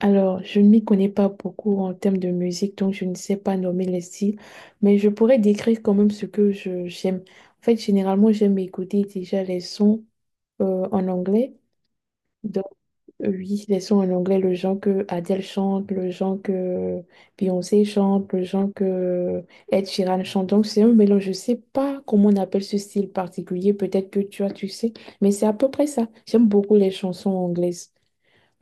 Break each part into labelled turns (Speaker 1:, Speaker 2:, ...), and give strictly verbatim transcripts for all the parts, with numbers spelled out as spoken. Speaker 1: Alors, je ne m'y connais pas beaucoup en termes de musique, donc je ne sais pas nommer les styles, mais je pourrais décrire quand même ce que je j'aime. En fait, généralement, j'aime écouter déjà les sons euh, en anglais. Donc, euh, oui, les sons en anglais, le genre que Adele chante, le genre que Beyoncé chante, le genre que Ed Sheeran chante. Donc, c'est un mélange. Je ne sais pas comment on appelle ce style particulier. Peut-être que tu as, tu sais, mais c'est à peu près ça. J'aime beaucoup les chansons anglaises,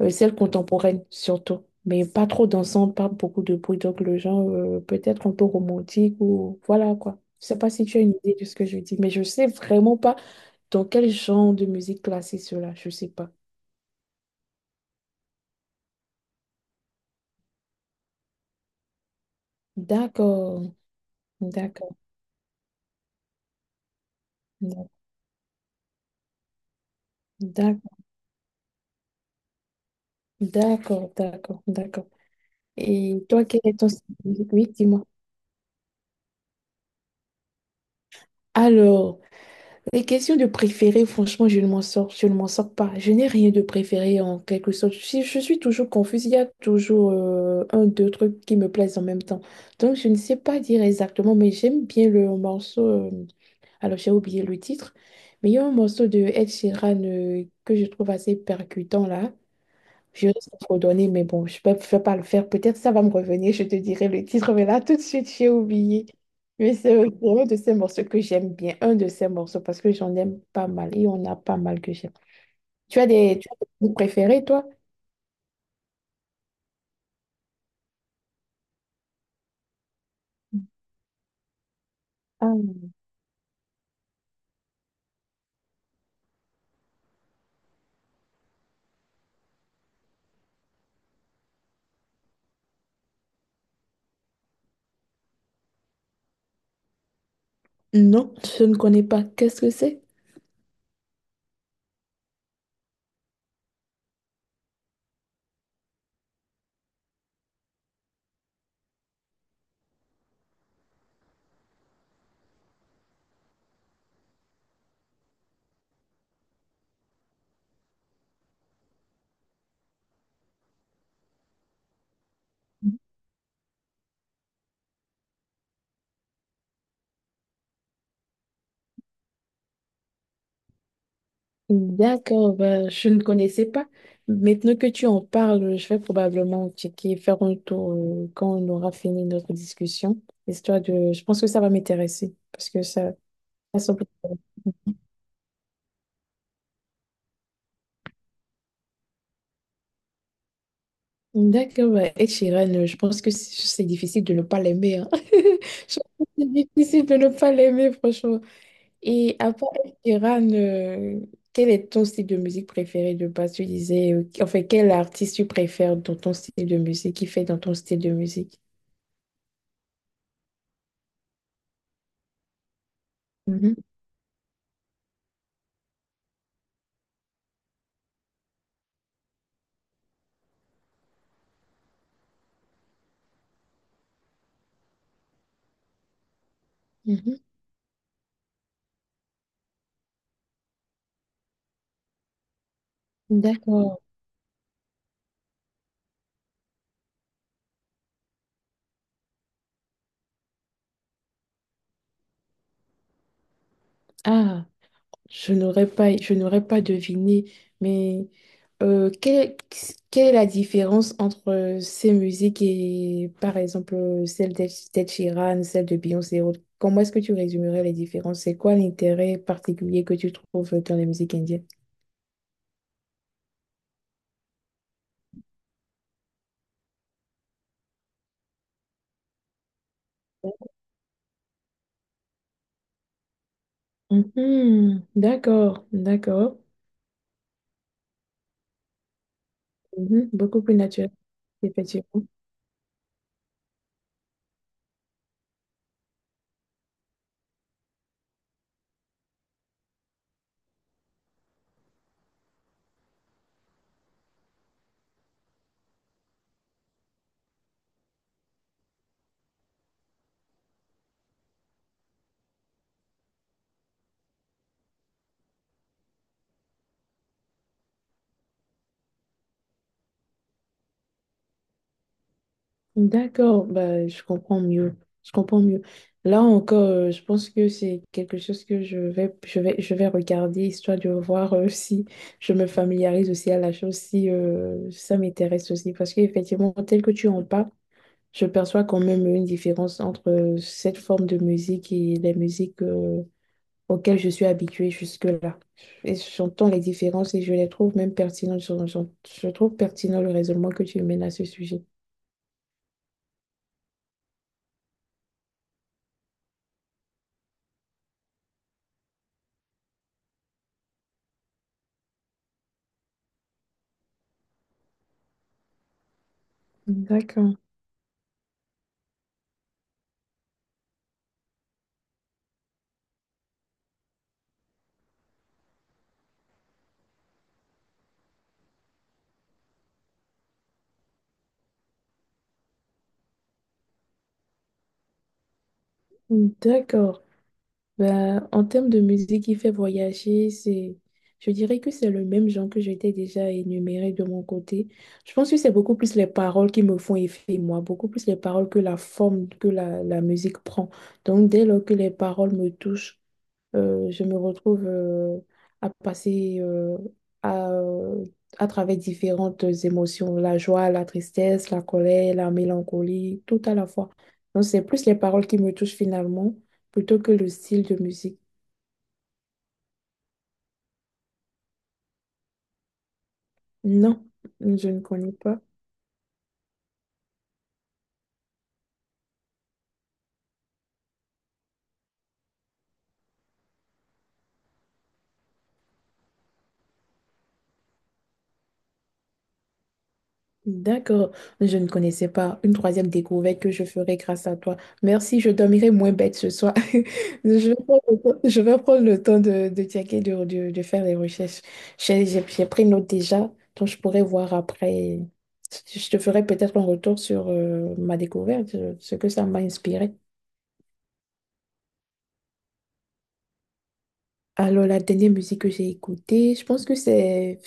Speaker 1: euh, celle contemporaine surtout, mais pas trop dansante, pas beaucoup de bruit, donc le genre, euh, peut-être un peu romantique ou voilà quoi. Je sais pas si tu as une idée de ce que je dis, mais je sais vraiment pas dans quel genre de musique classer cela, je sais pas. D'accord, d'accord, d'accord, d'accord, d'accord, d'accord. D'accord. Et toi, quel est ton style de musique? Oui, dis-moi. Alors, les questions de préféré, franchement, je ne m'en sors, je ne m'en sors pas. Je n'ai rien de préféré en quelque sorte. Si je suis toujours confuse, il y a toujours euh, un, deux trucs qui me plaisent en même temps. Donc, je ne sais pas dire exactement, mais j'aime bien le morceau. Euh, alors, j'ai oublié le titre, mais il y a un morceau de Ed Sheeran euh, que je trouve assez percutant là. Je risque de trop donner, mais bon, je ne peux je peux pas le faire. Peut-être ça va me revenir, je te dirai le titre, mais là, tout de suite, j'ai oublié. Mais c'est un de ces morceaux que j'aime bien, un de ces morceaux, parce que j'en aime pas mal et on a pas mal que j'aime. Tu as des, tu as des groupes préférés, toi? Ah, non, je ne connais pas. Qu'est-ce que c'est? D'accord, ben, je ne connaissais pas. Maintenant que tu en parles, je vais probablement checker, faire un tour, euh, quand on aura fini notre discussion, histoire de... Je pense que ça va m'intéresser, parce que ça... Elles sont plus d'accord, bah, Ed Sheeran, euh, je pense que c'est c'est difficile de ne pas l'aimer, hein. Je pense que c'est difficile de ne pas l'aimer, franchement. Et à part Ed Sheeran, euh, quel est ton style de musique préféré de base? Tu disais, euh, enfin, quel artiste tu préfères dans ton style de musique, qui fait dans ton style de musique? Mhm, mhm. D'accord. Ah. Je n'aurais pas, je n'aurais pas deviné, mais, euh, quelle, quelle est la différence entre euh, ces musiques et, par exemple, celle d'Ed d'Ed Sheeran, celle de Beyoncé et autres? Comment est-ce que tu résumerais les différences? C'est quoi l'intérêt particulier que tu trouves dans les musiques indiennes? Mhm. D'accord, d'accord. Mhm. Beaucoup plus naturel, effectivement. D'accord, bah, je comprends mieux. Je comprends mieux. Là encore, euh, je pense que c'est quelque chose que je vais, je vais, je vais regarder, histoire de voir euh, si je me familiarise aussi à la chose, si euh, ça m'intéresse aussi. Parce qu'effectivement, tel que tu en parles, je perçois quand même une différence entre, euh, cette forme de musique et les musiques, euh, auxquelles je suis habituée jusque-là. Et j'entends les différences et je les trouve même pertinentes. Je, je je trouve pertinent le raisonnement que tu mènes à ce sujet. D'accord. D'accord. Ben, en termes de musique qui fait voyager, c'est, je dirais que c'est le même genre que j'étais déjà énuméré de mon côté. Je pense que c'est beaucoup plus les paroles qui me font effet, moi, beaucoup plus les paroles que la forme que la, la musique prend. Donc, dès lors que les paroles me touchent, euh, je me retrouve, euh, à passer, euh, à, euh, à travers différentes émotions, la joie, la tristesse, la colère, la mélancolie, tout à la fois. Donc, c'est plus les paroles qui me touchent finalement plutôt que le style de musique. Non, je ne connais pas. D'accord, je ne connaissais pas. Une troisième découverte que je ferai grâce à toi. Merci, je dormirai moins bête ce soir. Je vais prendre le temps, je vais prendre le temps de, de checker, de, de- de faire les recherches. J'ai j'ai- j'ai pris note déjà, donc je pourrai voir après. Je te ferai peut-être un retour sur, euh, ma découverte, euh, ce que ça m'a inspiré. Alors, la dernière musique que j'ai écoutée, je pense que c'est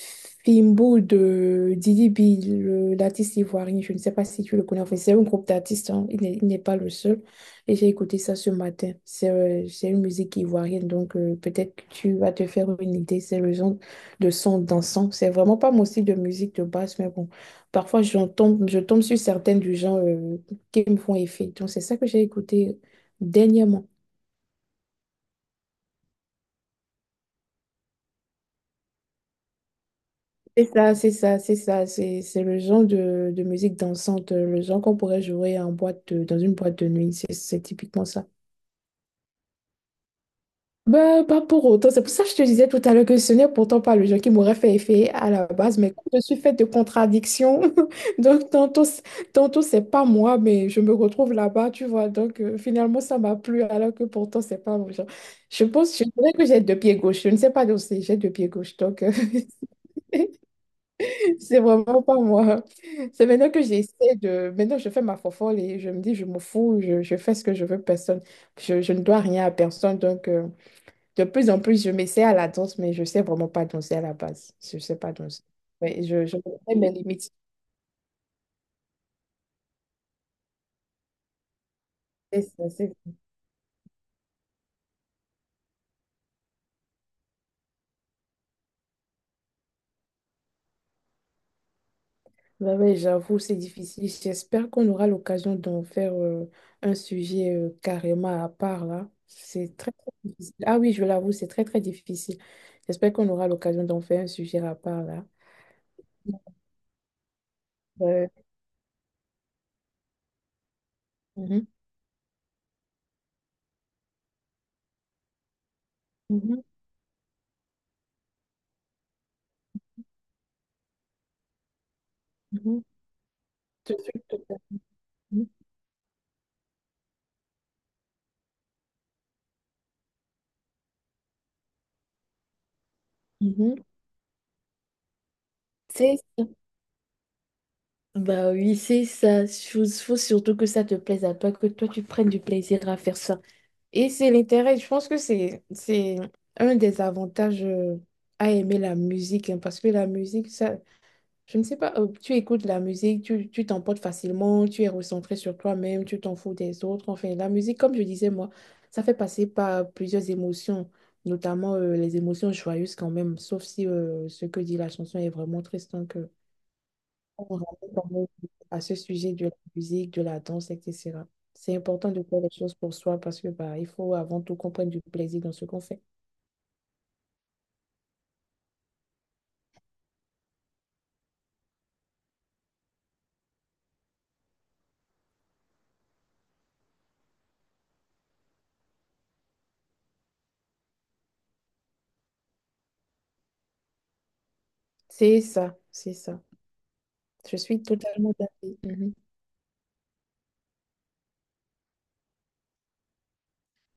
Speaker 1: Fimbo de Didi B, le- l'artiste ivoirien. Je ne sais pas si tu le connais. Enfin, c'est un groupe d'artistes, hein. Il n'est il n'est pas le seul. Et j'ai écouté ça ce matin. C'est, euh, c'est une musique ivoirienne, donc, euh, peut-être que tu vas te faire une idée. C'est le genre de son dansant. C'est vraiment pas mon style de musique de base, mais bon, parfois j'en tombe, je tombe sur certaines du genre, euh, qui me font effet. Donc, c'est ça que j'ai écouté dernièrement. C'est ça, c'est ça, c'est ça. C'est, c'est le genre de, de musique dansante, euh, le genre qu'on pourrait jouer en boîte de- dans une boîte de nuit. C'est c'est typiquement ça. Bah, pas pour autant. C'est pour ça que je te disais tout à l'heure que ce n'est pourtant pas le genre qui m'aurait fait effet à la base. Mais comme je suis faite de contradictions, donc tantôt, c- tantôt c'est pas moi, mais je me retrouve là-bas, tu vois. Donc, euh, finalement, ça m'a plu, alors que pourtant, c'est pas mon genre. Je pense, je dirais que j'ai deux pieds gauche. Je ne sais pas danser, j'ai deux pieds gauche. Donc. euh, C'est vraiment pas moi. C'est maintenant que j'essaie de... Maintenant, je fais ma fofolle et je me dis, je me fous, je, je fais ce que je veux, personne. Je, je ne dois rien à personne. Donc, euh, de plus en plus, je m'essaie à la danse, mais je sais vraiment pas danser à la base. Je sais pas danser. Ouais, je, je connais mes limites. C'est- c'est- c'est- Ouais, ouais, j'avoue, c'est difficile. J'espère qu'on aura l'occasion d'en faire, euh, un sujet, euh, carrément à part, là. C'est très, très difficile. Ah oui, je l'avoue, c'est très, très difficile. J'espère qu'on aura l'occasion d'en faire un sujet à part, là. euh, Mhm, mhm, mhm. Je suis tout à... Mhm, mhm. C'est ça. Bah oui, c'est ça. Il faut surtout que ça te plaise à toi, que toi tu prennes du plaisir à faire ça. Et c'est l'intérêt. Je pense que c'est c'est un des avantages, euh, à aimer la musique, hein, parce que la musique, ça, je ne sais pas, euh, tu écoutes la musique, tu, tu t'emportes facilement, tu es recentré sur toi-même, tu t'en fous des autres. Enfin, la musique, comme je disais, moi, ça fait passer par plusieurs émotions, notamment, euh, les émotions joyeuses quand même, sauf si, euh, ce que dit la chanson est vraiment triste. Donc, euh, on ramène quand même à ce sujet de la musique, de la danse, et cetera. C'est important de faire les choses pour soi parce que bah, il faut avant tout qu'on prenne du plaisir dans ce qu'on fait. C'est ça, c'est ça. Je suis totalement d'accord.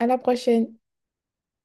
Speaker 1: À la prochaine.